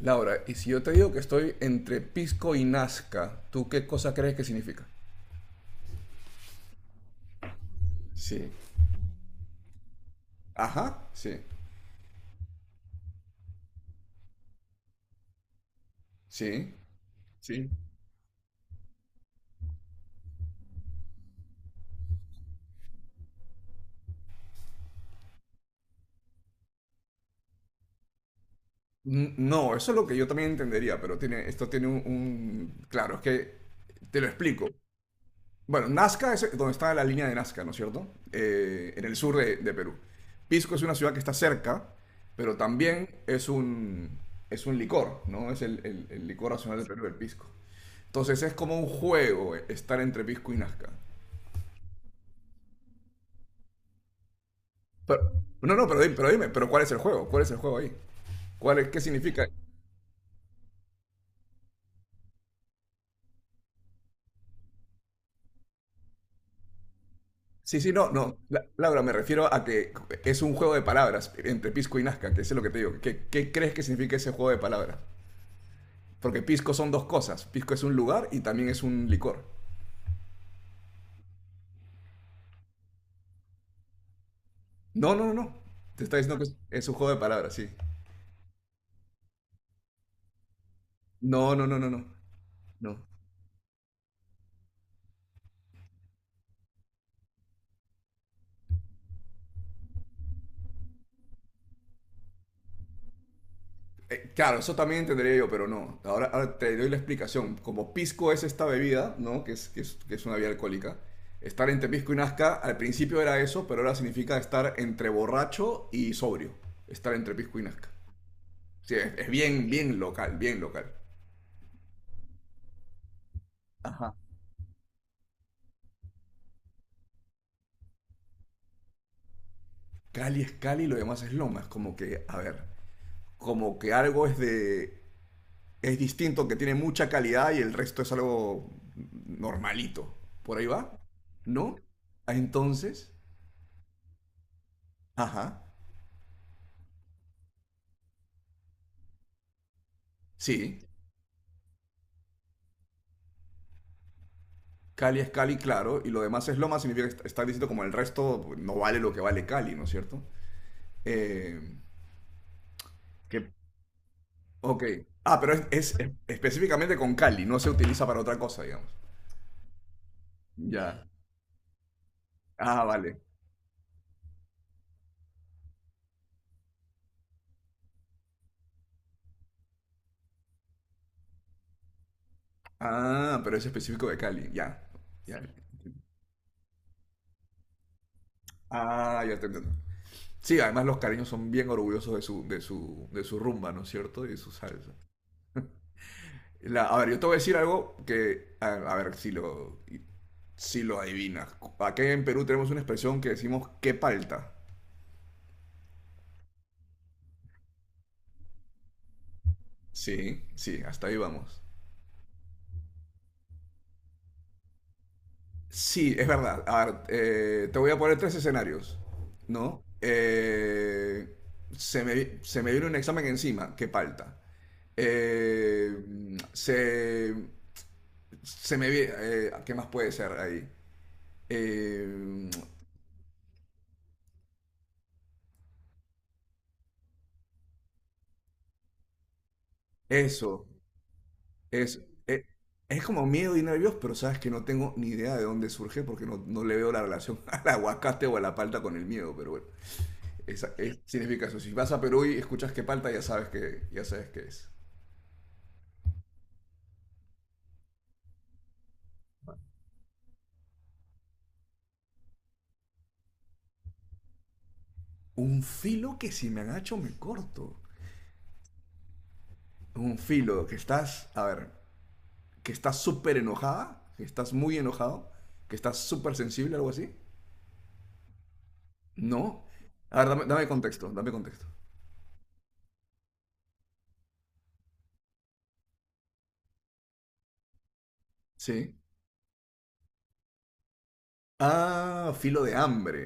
Laura, y si yo te digo que estoy entre Pisco y Nazca, ¿tú qué cosa crees que significa? Sí, ajá, sí, sí. Sí. No, eso es lo que yo también entendería, pero tiene, esto tiene un. Claro, es que te lo explico. Bueno, Nazca es donde está la línea de Nazca, ¿no es cierto? En el sur de Perú. Pisco es una ciudad que está cerca, pero también es es un licor, ¿no? Es el licor nacional del Perú, el pisco. Entonces es como un juego estar entre Pisco y Nazca. Pero- no, no, pero, pero dime, ¿pero cuál es el juego? ¿Cuál es el juego ahí? ¿Qué significa? Sí, sí, no, no. Laura, me refiero a que es un juego de palabras entre Pisco y Nazca, que eso es lo que te digo. ¿Qué crees que significa ese juego de palabras? Porque pisco son dos cosas. Pisco es un lugar y también es un licor. No, no, no, no. Te está diciendo que es un juego de palabras, sí. No, no, no, no, no. No. Claro, eso también entendería yo, pero no. Ahora te doy la explicación. Como pisco es esta bebida, ¿no? Que es una bebida alcohólica. Estar entre pisco y nazca, al principio era eso, pero ahora significa estar entre borracho y sobrio. Estar entre pisco y nazca. Sí, es bien, bien local, bien local. Ajá. Cali es Cali y lo demás es Loma. Es como que, a ver, como que algo es de es distinto, que tiene mucha calidad y el resto es algo normalito. ¿Por ahí va? ¿No? Ah, entonces, ajá, sí. Cali es Cali, claro, y lo demás es Loma, significa que está diciendo como el resto no vale lo que vale Cali, ¿no es cierto? Eh, Que, ok. Ah, pero es, específicamente con Cali, no se utiliza para otra cosa, digamos. Ya. Ah, vale. Ah, pero es específico de Cali, ya. Ya. Ah, ya te entiendo. Sí, además los cariños son bien orgullosos de su rumba, ¿no es cierto? Y de su salsa. A ver, yo te voy a decir algo que, a ver si lo, si lo adivinas. Aquí en Perú tenemos una expresión que decimos que palta. Sí, sí, hasta ahí vamos. Sí, es verdad. A ver, te voy a poner tres escenarios, ¿no? Se me, se me viene un examen encima, que palta. Eh, Se, se me viene... ¿qué más puede ser ahí? Eh, Eso, es, es, es como miedo y nervios, pero sabes que no tengo ni idea de dónde surge porque no, no le veo la relación al aguacate o a la palta con el miedo, pero bueno, esa, significa eso. Si vas a Perú y escuchas que palta, ya sabes que, ya sabes qué es. Un filo que si me agacho me corto. Un filo que estás, a ver, que estás súper enojada, que estás muy enojado, que estás súper sensible, algo así. No. A ver, dame, dame contexto, dame contexto. Sí. Ah, filo de hambre.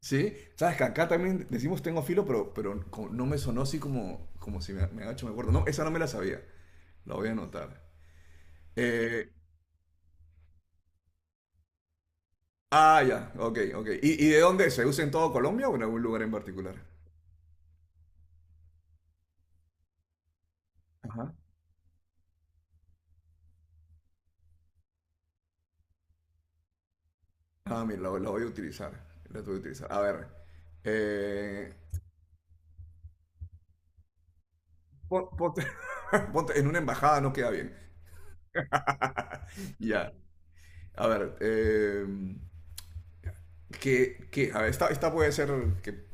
¿Sí? Sabes que acá también decimos tengo filo, pero no me sonó así como, como si me, me ha hecho me acuerdo. No, esa no me la sabía. La voy a anotar. Eh, ah, ya, ok, ok. Y de dónde? ¿Se usa en todo Colombia o en algún lugar en particular? Ajá. Ah, mira, la voy a utilizar. La voy a utilizar. A ver. eh, Ponte, en una embajada no queda bien. Ya. A ver. ¿Qué, qué? A ver, esta puede ser que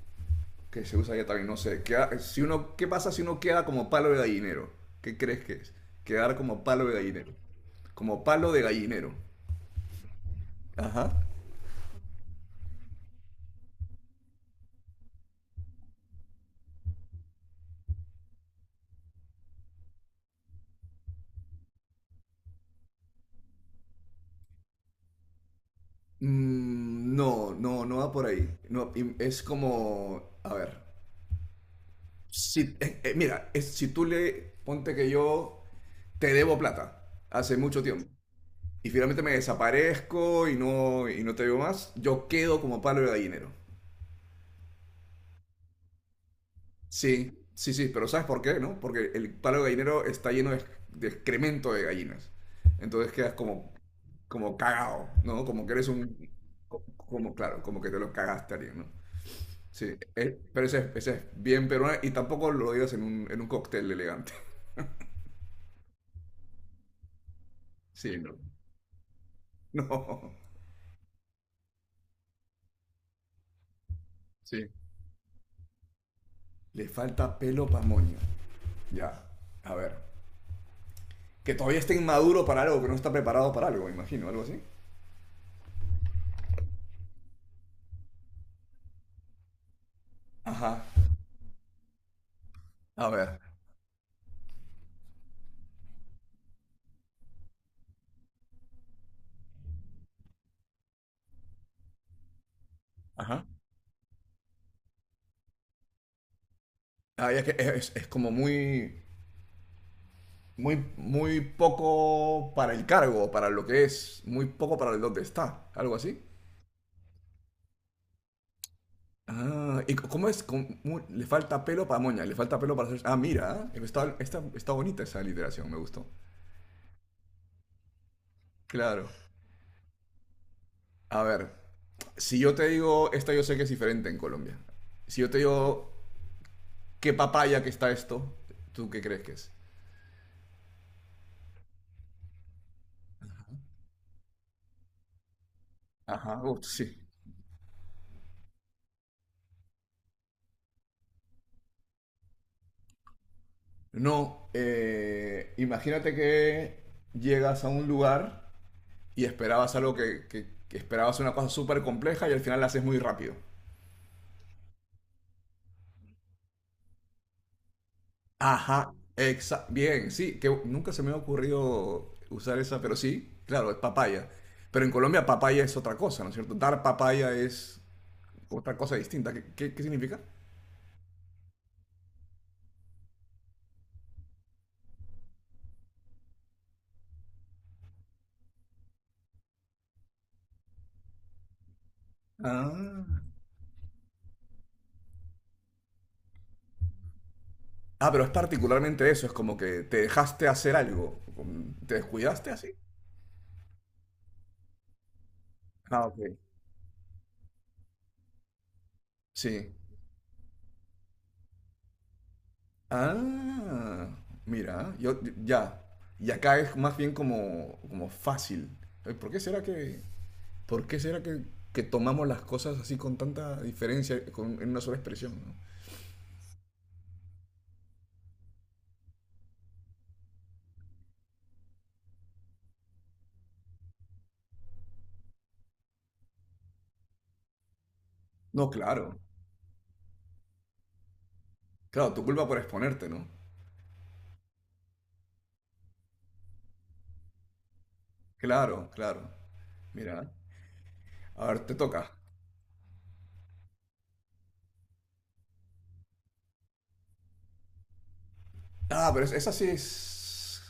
que se usa ya también, no sé. Si uno, ¿qué pasa si uno queda como palo de gallinero? ¿Qué crees que es? Quedar como palo de gallinero. Como palo de gallinero. Ajá. Mm, no, no, no va por ahí. No, y es como, a ver, si, mira, es, si tú le, ponte que yo te debo plata hace mucho tiempo y finalmente me desaparezco y no te veo más, yo quedo como palo de gallinero. Sí, sí, sí, pero ¿sabes por qué, no? Porque el palo gallinero está lleno de excremento de gallinas. Entonces quedas como, como cagado, ¿no? Como que eres un... Como, claro, como que te lo cagaste a alguien, ¿no? Sí, pero ese, ese es bien peruano y tampoco lo digas en un cóctel elegante. Sí, no. No. Sí. Le falta pelo pa' moño. Ya, a ver. Que todavía esté inmaduro para algo, que no está preparado para algo, me imagino, algo así. Ajá. A ver. Ajá. Ay, es que es como muy, muy, muy poco para el cargo, para lo que es, muy poco para el dónde está, algo así. Ah, ¿y cómo es? ¿Cómo- le falta pelo para moña, le falta pelo para hacer... Ah, mira, ¿eh? Está, está, está bonita esa literación, me gustó. Claro. A ver, si yo te digo, esta yo sé que es diferente en Colombia. Si yo te digo, ¿qué papaya que está esto? ¿Tú qué crees que es? Ajá, sí. No, imagínate que llegas a un lugar y esperabas algo que, que esperabas una cosa súper compleja y al final la haces muy rápido. Ajá, bien, sí, que nunca se me ha ocurrido usar esa, pero sí, claro, es papaya. Pero en Colombia papaya es otra cosa, ¿no es cierto? Dar papaya es otra cosa distinta. ¿Qué, qué significa? Ah. Ah, pero es particularmente eso, es como que te dejaste hacer algo, como te descuidaste así. Ah, ok. Sí. Ah, mira, yo ya. Y acá es más bien como, como fácil. Ay, ¿por qué será que, por qué será que tomamos las cosas así con tanta diferencia en una sola expresión, ¿no? No, claro. Claro, tu culpa por exponerte, ¿no? Claro, claro. Mira. A ver, te toca. Ah, pero esa sí es.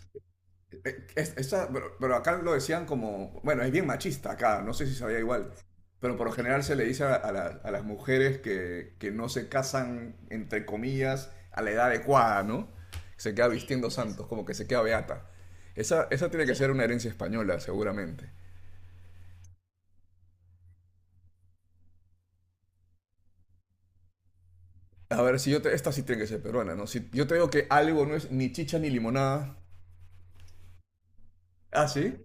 Pero acá lo decían como, bueno, es bien machista acá, no sé si sabía igual, pero por lo general se le dice a las mujeres que no se casan, entre comillas, a la edad adecuada, ¿no? Se queda sí, vistiendo santos, como que se queda beata. Esa tiene que sí. Ser una herencia española, seguramente. A ver, si yo te- esta sí tiene que ser peruana, ¿no? Si yo te digo que algo no es ni chicha ni limonada. ¿Ah, sí?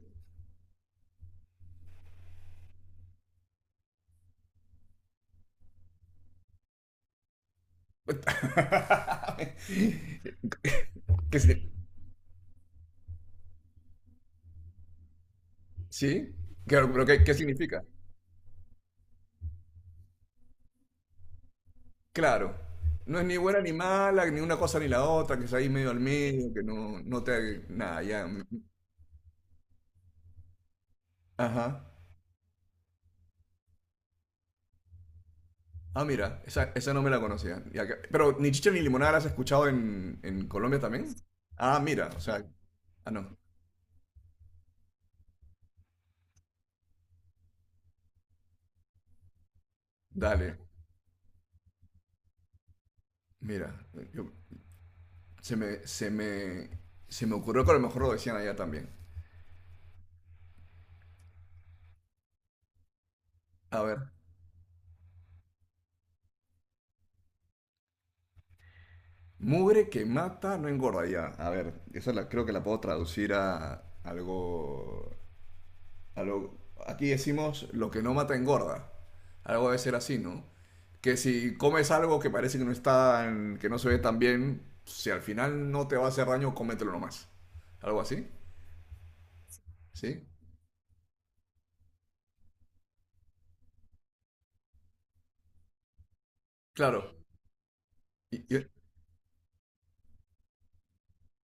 ¿Qué, sí? ¿Sí? Claro, pero ¿qué, qué significa? Claro, no es ni buena ni mala, ni una cosa ni la otra, que es ahí medio al medio, que no, no te... Nada, ya... mm, ajá. Ah, mira, esa no me la conocía. Y acá- pero ni chicha ni limonada la has escuchado en Colombia también. Ah, mira, o sea... ah, no. Dale, mira. yo- Se me, se me ocurrió que a lo mejor lo decían allá también. A ver. Mugre que mata no engorda ya. A ver, esa la, creo que la puedo traducir a algo a lo- aquí decimos lo que no mata engorda. Algo debe ser así, ¿no? Que si comes algo que parece que no está, que no se ve tan bien, si al final no te va a hacer daño, cómetelo nomás. Algo así, ¿sí? Claro. Y- y-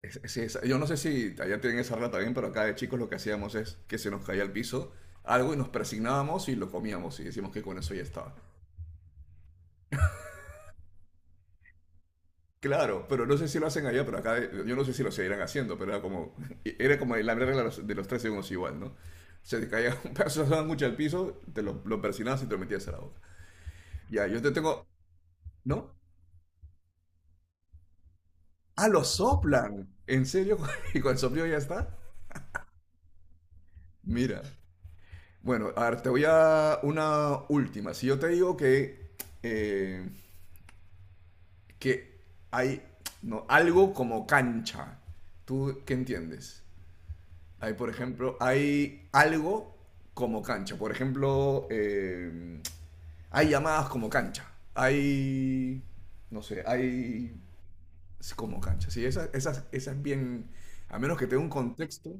yo no sé si allá tienen esa regla también, pero acá de chicos lo que hacíamos es que se nos caía al piso algo y nos persignábamos y lo comíamos y decimos que con eso ya estaba. Claro, pero no sé si lo hacen allá, pero acá yo no sé si lo seguirán haciendo, pero era como, era como la regla de los tres segundos igual, ¿no? Se te caía un pedazo de sándwich al piso, te lo persinabas y te lo metías a la boca. Ya, yo te tengo, ¿no? Ah, lo soplan. ¿En serio? ¿Y con el soplido ya está? Mira. Bueno, a ver, te voy a una última. Si yo te digo eh, que hay no, algo como cancha, ¿tú qué entiendes? Hay, por ejemplo, hay algo como cancha. Por ejemplo, hay llamadas como cancha. Hay, no sé, hay es como cancha. Sí, esa es bien, a menos que tenga un contexto.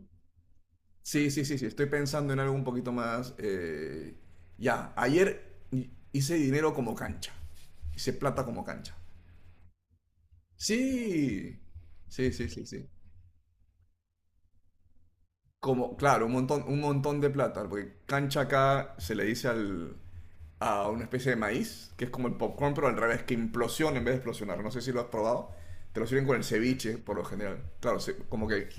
Sí, sí, sí, sí. Estoy pensando en algo un poquito más. Ya, ayer hice dinero como cancha. Hice plata como cancha. Sí, sí, sí, sí, sí. Como, claro, un montón de plata, porque cancha acá se le dice al, a una especie de maíz, que es como el popcorn, pero al revés, que implosiona en vez de explosionar. No sé si lo has probado. Te lo sirven con el ceviche, por lo general. Claro, como que...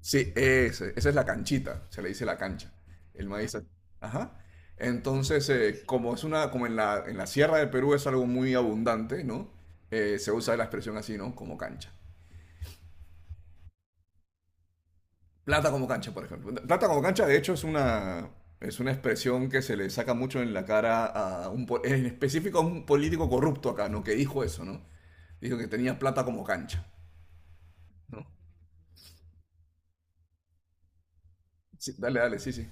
Sí, esa es la canchita, se le dice la cancha. El maíz... a- ajá. Entonces, como es una, como en la sierra de Perú es algo muy abundante, ¿no? Se usa la expresión así, ¿no? Como cancha. Plata como cancha, por ejemplo. Plata como cancha, de hecho, es una expresión que se le saca mucho en la cara a un, en específico a un político corrupto acá, ¿no? Que dijo eso, ¿no? Dijo que tenía plata como cancha, ¿no? Sí, dale, dale, sí, sí.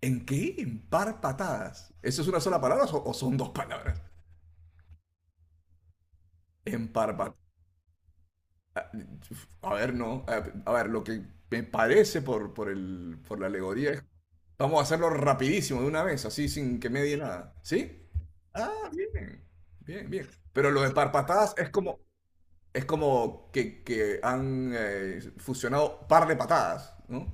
¿En qué? En par patadas. ¿Eso es una sola palabra o son dos palabras? En par a ver, no. A ver, lo que me parece por el, por la alegoría es. Vamos a hacerlo rapidísimo de una vez, así sin que medie nada. ¿Sí? Ah, bien. Bien, bien. Pero lo de par patadas es como. Es como que han fusionado par de patadas, ¿no?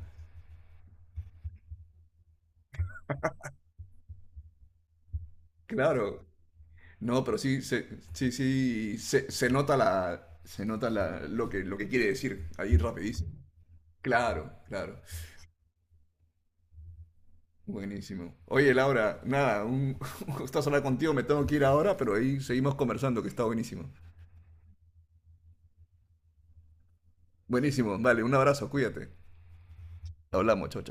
Claro. No, pero sí, se, sí, sí, se, se nota la, lo que quiere decir ahí rapidísimo. Claro, claro. Buenísimo. Oye, Laura, nada, un, un gustazo hablar contigo, me tengo que ir ahora, pero ahí seguimos conversando, que está buenísimo. Buenísimo, vale, un abrazo, cuídate. Hablamos, chocho.